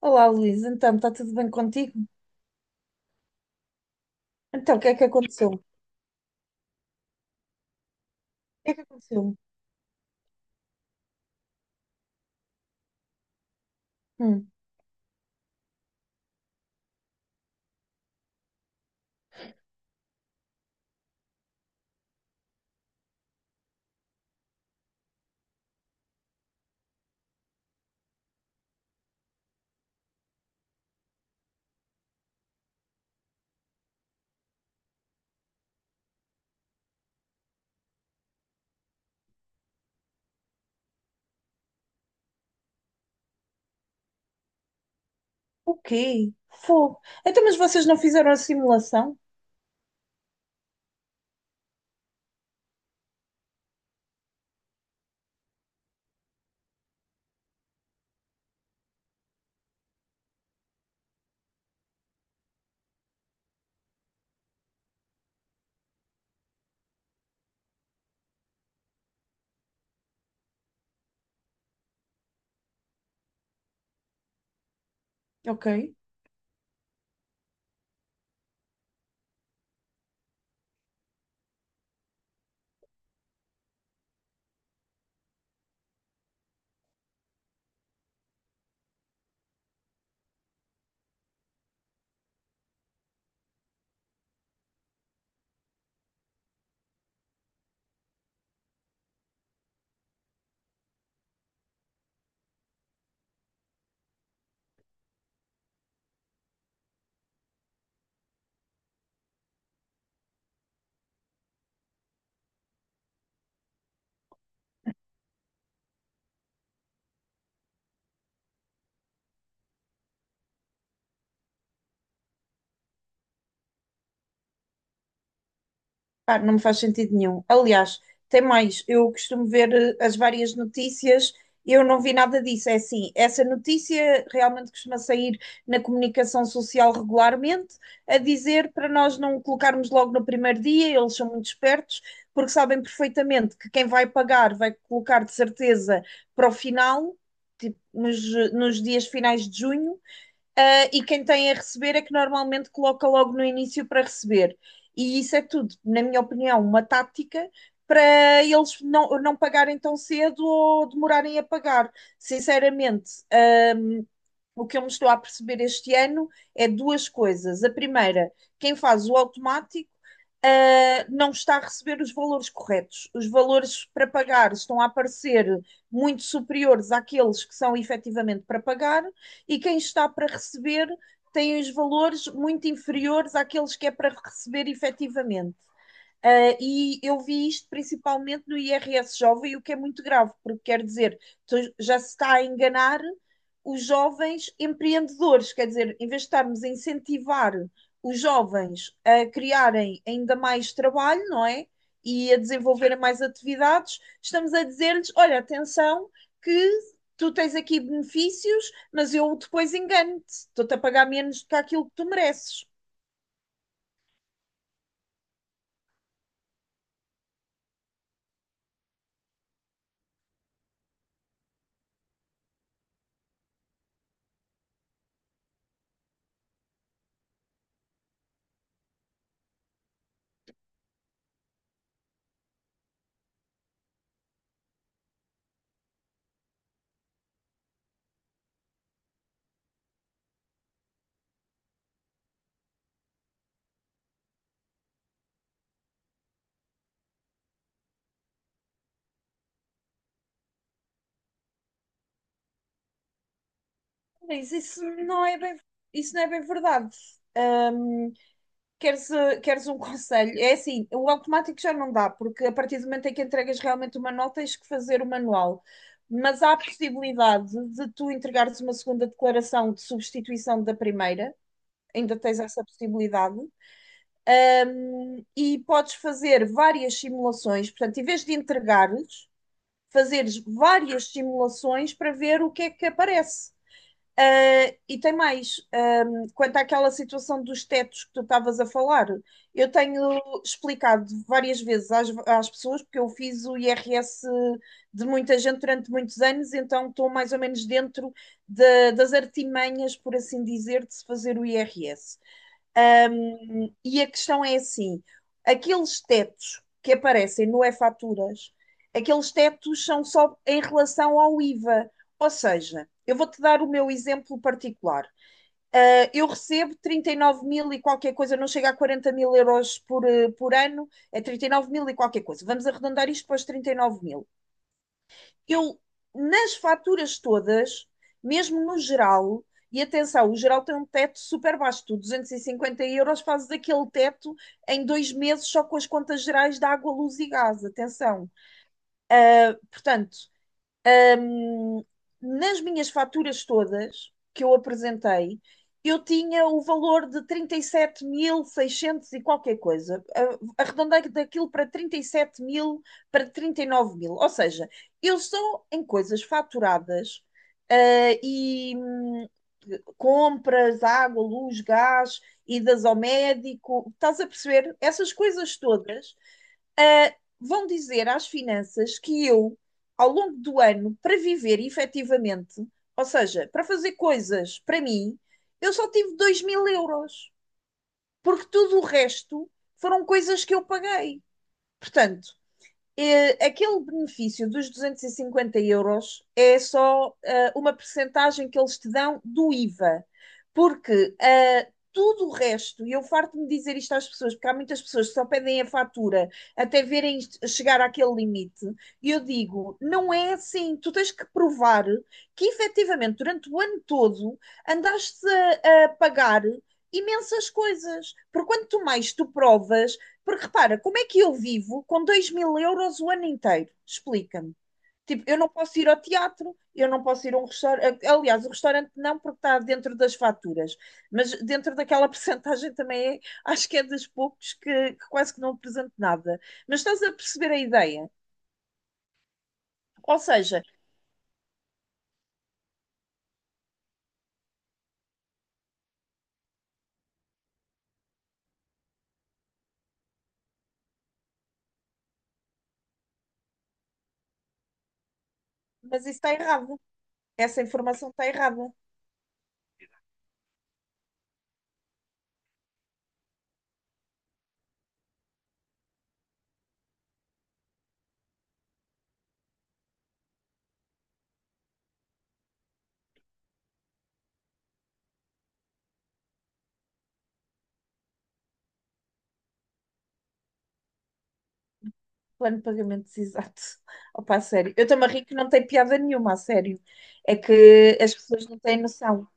Olá, Luís. Então, está tudo bem contigo? Então, o que é que aconteceu? O que é que aconteceu? Hum. O quê? Fogo. Então, mas vocês não fizeram a simulação? Ok. Pá, não me faz sentido nenhum. Aliás, tem mais, eu costumo ver as várias notícias, eu não vi nada disso. É assim, essa notícia realmente costuma sair na comunicação social regularmente, a dizer para nós não colocarmos logo no primeiro dia, eles são muito espertos, porque sabem perfeitamente que quem vai pagar vai colocar de certeza para o final, tipo, nos dias finais de junho. Ah, e quem tem a receber é que normalmente coloca logo no início para receber. E isso é tudo, na minha opinião, uma tática para eles não pagarem tão cedo ou demorarem a pagar. Sinceramente, o que eu me estou a perceber este ano é duas coisas. A primeira, quem faz o automático não está a receber os valores corretos. Os valores para pagar estão a aparecer muito superiores àqueles que são efetivamente para pagar, e quem está para receber tem os valores muito inferiores àqueles que é para receber efetivamente. E eu vi isto principalmente no IRS jovem, o que é muito grave, porque quer dizer, tu já se está a enganar os jovens empreendedores, quer dizer, em vez de estarmos a incentivar os jovens a criarem ainda mais trabalho, não é? E a desenvolverem mais atividades, estamos a dizer-lhes: olha, atenção, que tu tens aqui benefícios, mas eu depois engano-te, estou-te a pagar menos do que aquilo que tu mereces. Mas isso não é bem verdade. Uh, queres um conselho? É assim, o automático já não dá, porque a partir do momento em que entregas realmente uma nota, tens que fazer o manual. Mas há a possibilidade de tu entregares uma segunda declaração de substituição da primeira, ainda tens essa possibilidade, e podes fazer várias simulações. Portanto, em vez de entregares, fazeres várias simulações para ver o que é que aparece. E tem mais, quanto àquela situação dos tetos que tu estavas a falar, eu tenho explicado várias vezes às pessoas, porque eu fiz o IRS de muita gente durante muitos anos, então estou mais ou menos dentro das artimanhas, por assim dizer, de se fazer o IRS. E a questão é assim: aqueles tetos que aparecem no E-Faturas, aqueles tetos são só em relação ao IVA. Ou seja, eu vou-te dar o meu exemplo particular. Eu recebo 39 mil e qualquer coisa, não chega a 40 mil euros por, por ano, é 39 mil e qualquer coisa. Vamos arredondar isto para os 39 mil. Eu, nas faturas todas, mesmo no geral, e atenção, o geral tem um teto super baixo, tu 250 € fazes aquele teto em dois meses só com as contas gerais de água, luz e gás, atenção. Portanto, Ahm, nas minhas faturas todas que eu apresentei, eu tinha o valor de trinta e sete mil seiscentos e qualquer coisa. Arredondei daquilo para 37 mil, para 39 mil. Ou seja, eu só em coisas faturadas ah, e compras, água, luz, gás, idas ao médico, estás a perceber? Essas coisas todas ah, vão dizer às finanças que eu, ao longo do ano, para viver efetivamente, ou seja, para fazer coisas para mim, eu só tive 2 mil euros, porque tudo o resto foram coisas que eu paguei. Portanto, aquele benefício dos 250 € é só uma percentagem que eles te dão do IVA, porque tudo o resto, e eu farto-me dizer isto às pessoas, porque há muitas pessoas que só pedem a fatura até verem chegar àquele limite, e eu digo, não é assim, tu tens que provar que efetivamente durante o ano todo andaste a pagar imensas coisas, porque quanto mais tu provas, porque repara, como é que eu vivo com 2 mil euros o ano inteiro? Explica-me. Tipo, eu não posso ir ao teatro, eu não posso ir a um restaurante. Aliás, o restaurante não, porque está dentro das faturas, mas dentro daquela percentagem também é, acho que é dos poucos que quase que não apresento nada. Mas estás a perceber a ideia? Ou seja, mas isso está errado. Essa informação está errada. Plano de pagamentos exato. Opa, a sério. Eu também ri que não tem piada nenhuma, a sério. É que as pessoas não têm noção.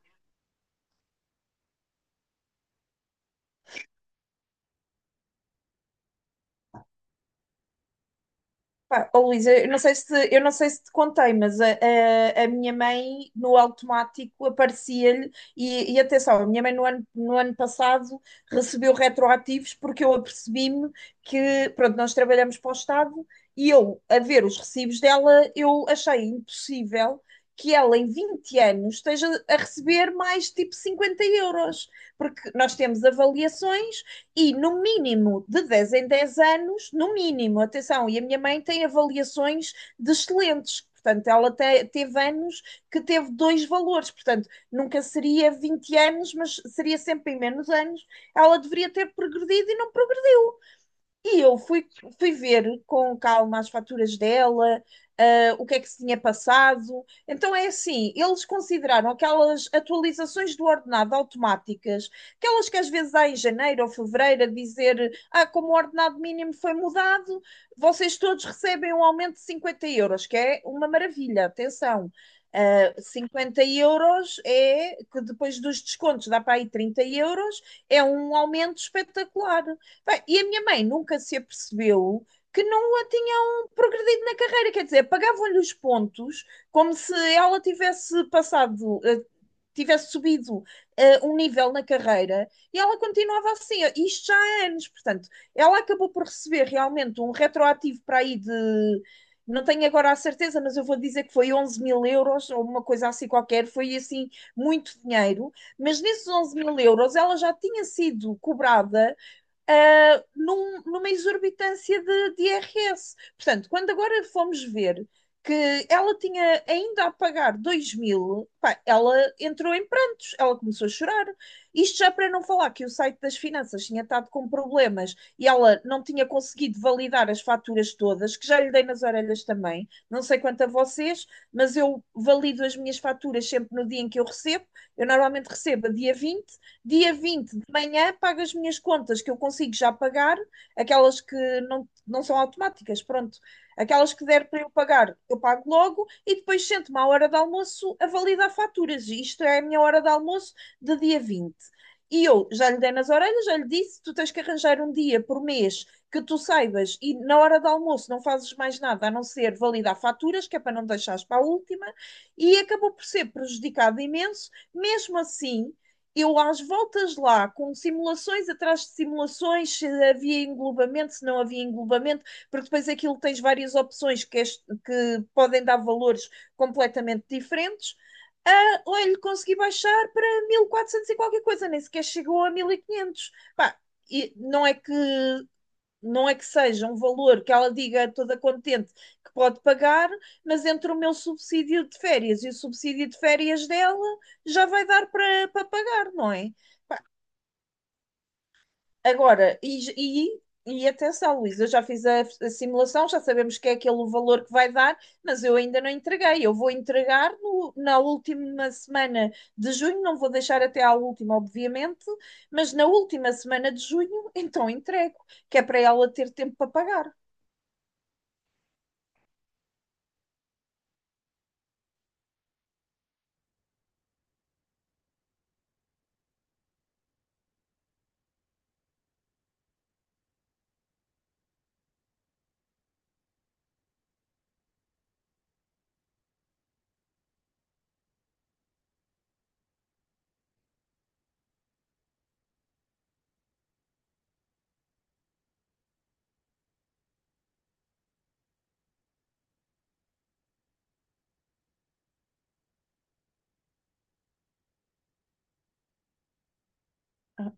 Pá, ó, Luísa, eu não sei se te contei, mas a minha mãe no automático aparecia-lhe, e atenção, a minha mãe no ano passado recebeu retroativos porque eu apercebi-me que, pronto, nós trabalhamos para o Estado e eu, a ver os recibos dela, eu achei impossível que ela em 20 anos esteja a receber mais tipo 50 euros, porque nós temos avaliações e no mínimo de 10 em 10 anos, no mínimo, atenção, e a minha mãe tem avaliações de excelentes. Portanto, ela teve anos que teve dois valores. Portanto, nunca seria 20 anos, mas seria sempre em menos anos. Ela deveria ter progredido e não progrediu. E eu fui ver com calma as faturas dela, o que é que se tinha passado. Então é assim, eles consideraram aquelas atualizações do ordenado automáticas, aquelas que às vezes há em janeiro ou fevereiro, a dizer, ah, como o ordenado mínimo foi mudado, vocês todos recebem um aumento de 50 euros, que é uma maravilha, atenção. 50 € é que depois dos descontos dá para aí 30 euros, é um aumento espetacular. Bem, e a minha mãe nunca se apercebeu que não a tinham progredido na carreira, quer dizer, pagavam-lhe os pontos como se ela tivesse passado, tivesse subido um nível na carreira e ela continuava assim, isto já há anos, portanto, ela acabou por receber realmente um retroativo para aí de, não tenho agora a certeza, mas eu vou dizer que foi 11 000 € ou uma coisa assim qualquer, foi assim muito dinheiro, mas nesses 11 000 € ela já tinha sido cobrada numa exorbitância de IRS. Portanto, quando agora fomos ver que ela tinha ainda a pagar 2 mil, pá, ela entrou em prantos, ela começou a chorar. Isto já para não falar que o site das finanças tinha estado com problemas e ela não tinha conseguido validar as faturas todas, que já lhe dei nas orelhas também. Não sei quanto a vocês, mas eu valido as minhas faturas sempre no dia em que eu recebo. Eu normalmente recebo a dia 20. Dia 20 de manhã pago as minhas contas que eu consigo já pagar, aquelas que não são automáticas, pronto. Aquelas que der para eu pagar, eu pago logo e depois sento-me à hora de almoço a validar faturas. Isto é a minha hora de almoço de dia 20. E eu já lhe dei nas orelhas, já lhe disse: tu tens que arranjar um dia por mês que tu saibas e na hora do almoço não fazes mais nada a não ser validar faturas, que é para não deixares para a última. E acabou por ser prejudicado imenso. Mesmo assim, eu às voltas lá, com simulações atrás de simulações, se havia englobamento, se não havia englobamento, porque depois aquilo tens várias opções que, que podem dar valores completamente diferentes. Ah, olha, consegui baixar para 1400 e quatrocentos e qualquer coisa, nem sequer chegou a 1500. Pá, e não é que seja um valor que ela diga toda contente que pode pagar, mas entre o meu subsídio de férias e o subsídio de férias dela, já vai dar para pagar, não é? Pá, agora, e atenção, Luísa, eu já fiz a simulação, já sabemos que é aquele o valor que vai dar, mas eu ainda não entreguei. Eu vou entregar na última semana de junho, não vou deixar até à última, obviamente, mas na última semana de junho, então entrego, que é para ela ter tempo para pagar. Ah,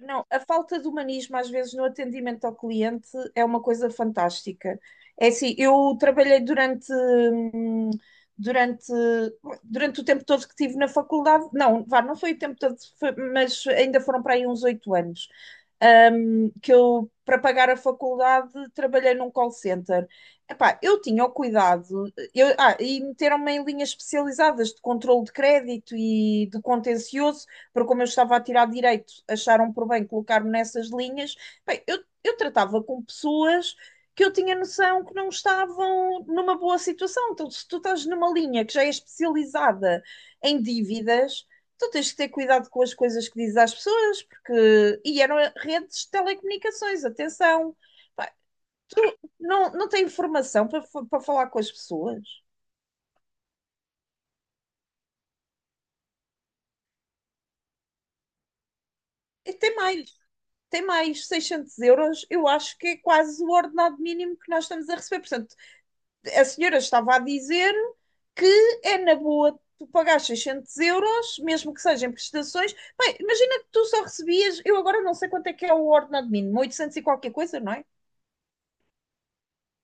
não, a falta de humanismo às vezes no atendimento ao cliente é uma coisa fantástica. É assim, eu trabalhei durante, durante o tempo todo que estive na faculdade, não, vá, não foi o tempo todo, mas ainda foram para aí uns 8 anos, que eu, para pagar a faculdade, trabalhei num call center. Epá, eu tinha o cuidado, e meteram-me em linhas especializadas de controle de crédito e de contencioso, porque como eu estava a tirar direito, acharam por bem colocar-me nessas linhas. Bem, eu tratava com pessoas que eu tinha noção que não estavam numa boa situação. Então, se tu estás numa linha que já é especializada em dívidas, tu tens que ter cuidado com as coisas que dizes às pessoas, porque. E eram redes de telecomunicações, atenção. Pá, tu não tens informação para falar com as pessoas? E tem mais. Tem mais 600 euros, eu acho que é quase o ordenado mínimo que nós estamos a receber. Portanto, a senhora estava a dizer que é na boa tu pagar 600 euros, mesmo que sejam prestações. Bem, imagina que tu só recebias, eu agora não sei quanto é que é o ordenado mínimo, 800 e qualquer coisa, não é?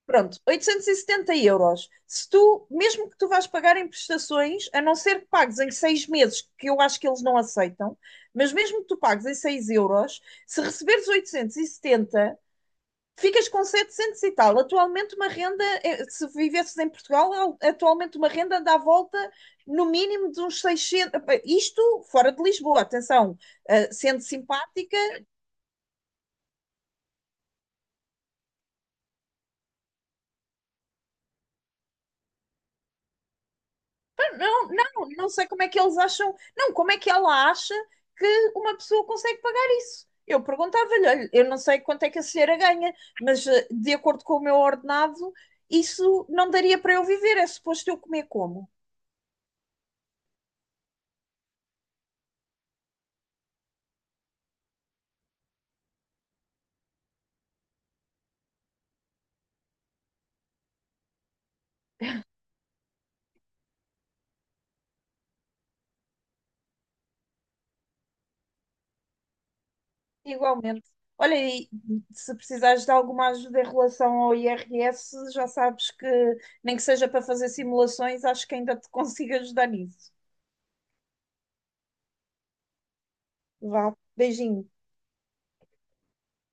Pronto, 870 euros. Se tu, mesmo que tu vás pagar em prestações, a não ser que pagues em 6 meses, que eu acho que eles não aceitam, mas mesmo que tu pagues em 6 euros, se receberes 870, ficas com 700 e tal. Atualmente, uma renda, se vivesses em Portugal, atualmente uma renda dá à volta no mínimo de uns 600. Isto fora de Lisboa, atenção, sendo simpática, não sei como é que eles acham, não, como é que ela acha que uma pessoa consegue pagar isso. Eu perguntava-lhe, olha, eu não sei quanto é que a senhora ganha, mas de acordo com o meu ordenado, isso não daria para eu viver, é suposto eu comer como? Igualmente. Olha, e se precisares de alguma ajuda em relação ao IRS, já sabes que, nem que seja para fazer simulações, acho que ainda te consigo ajudar nisso. Vá, beijinho.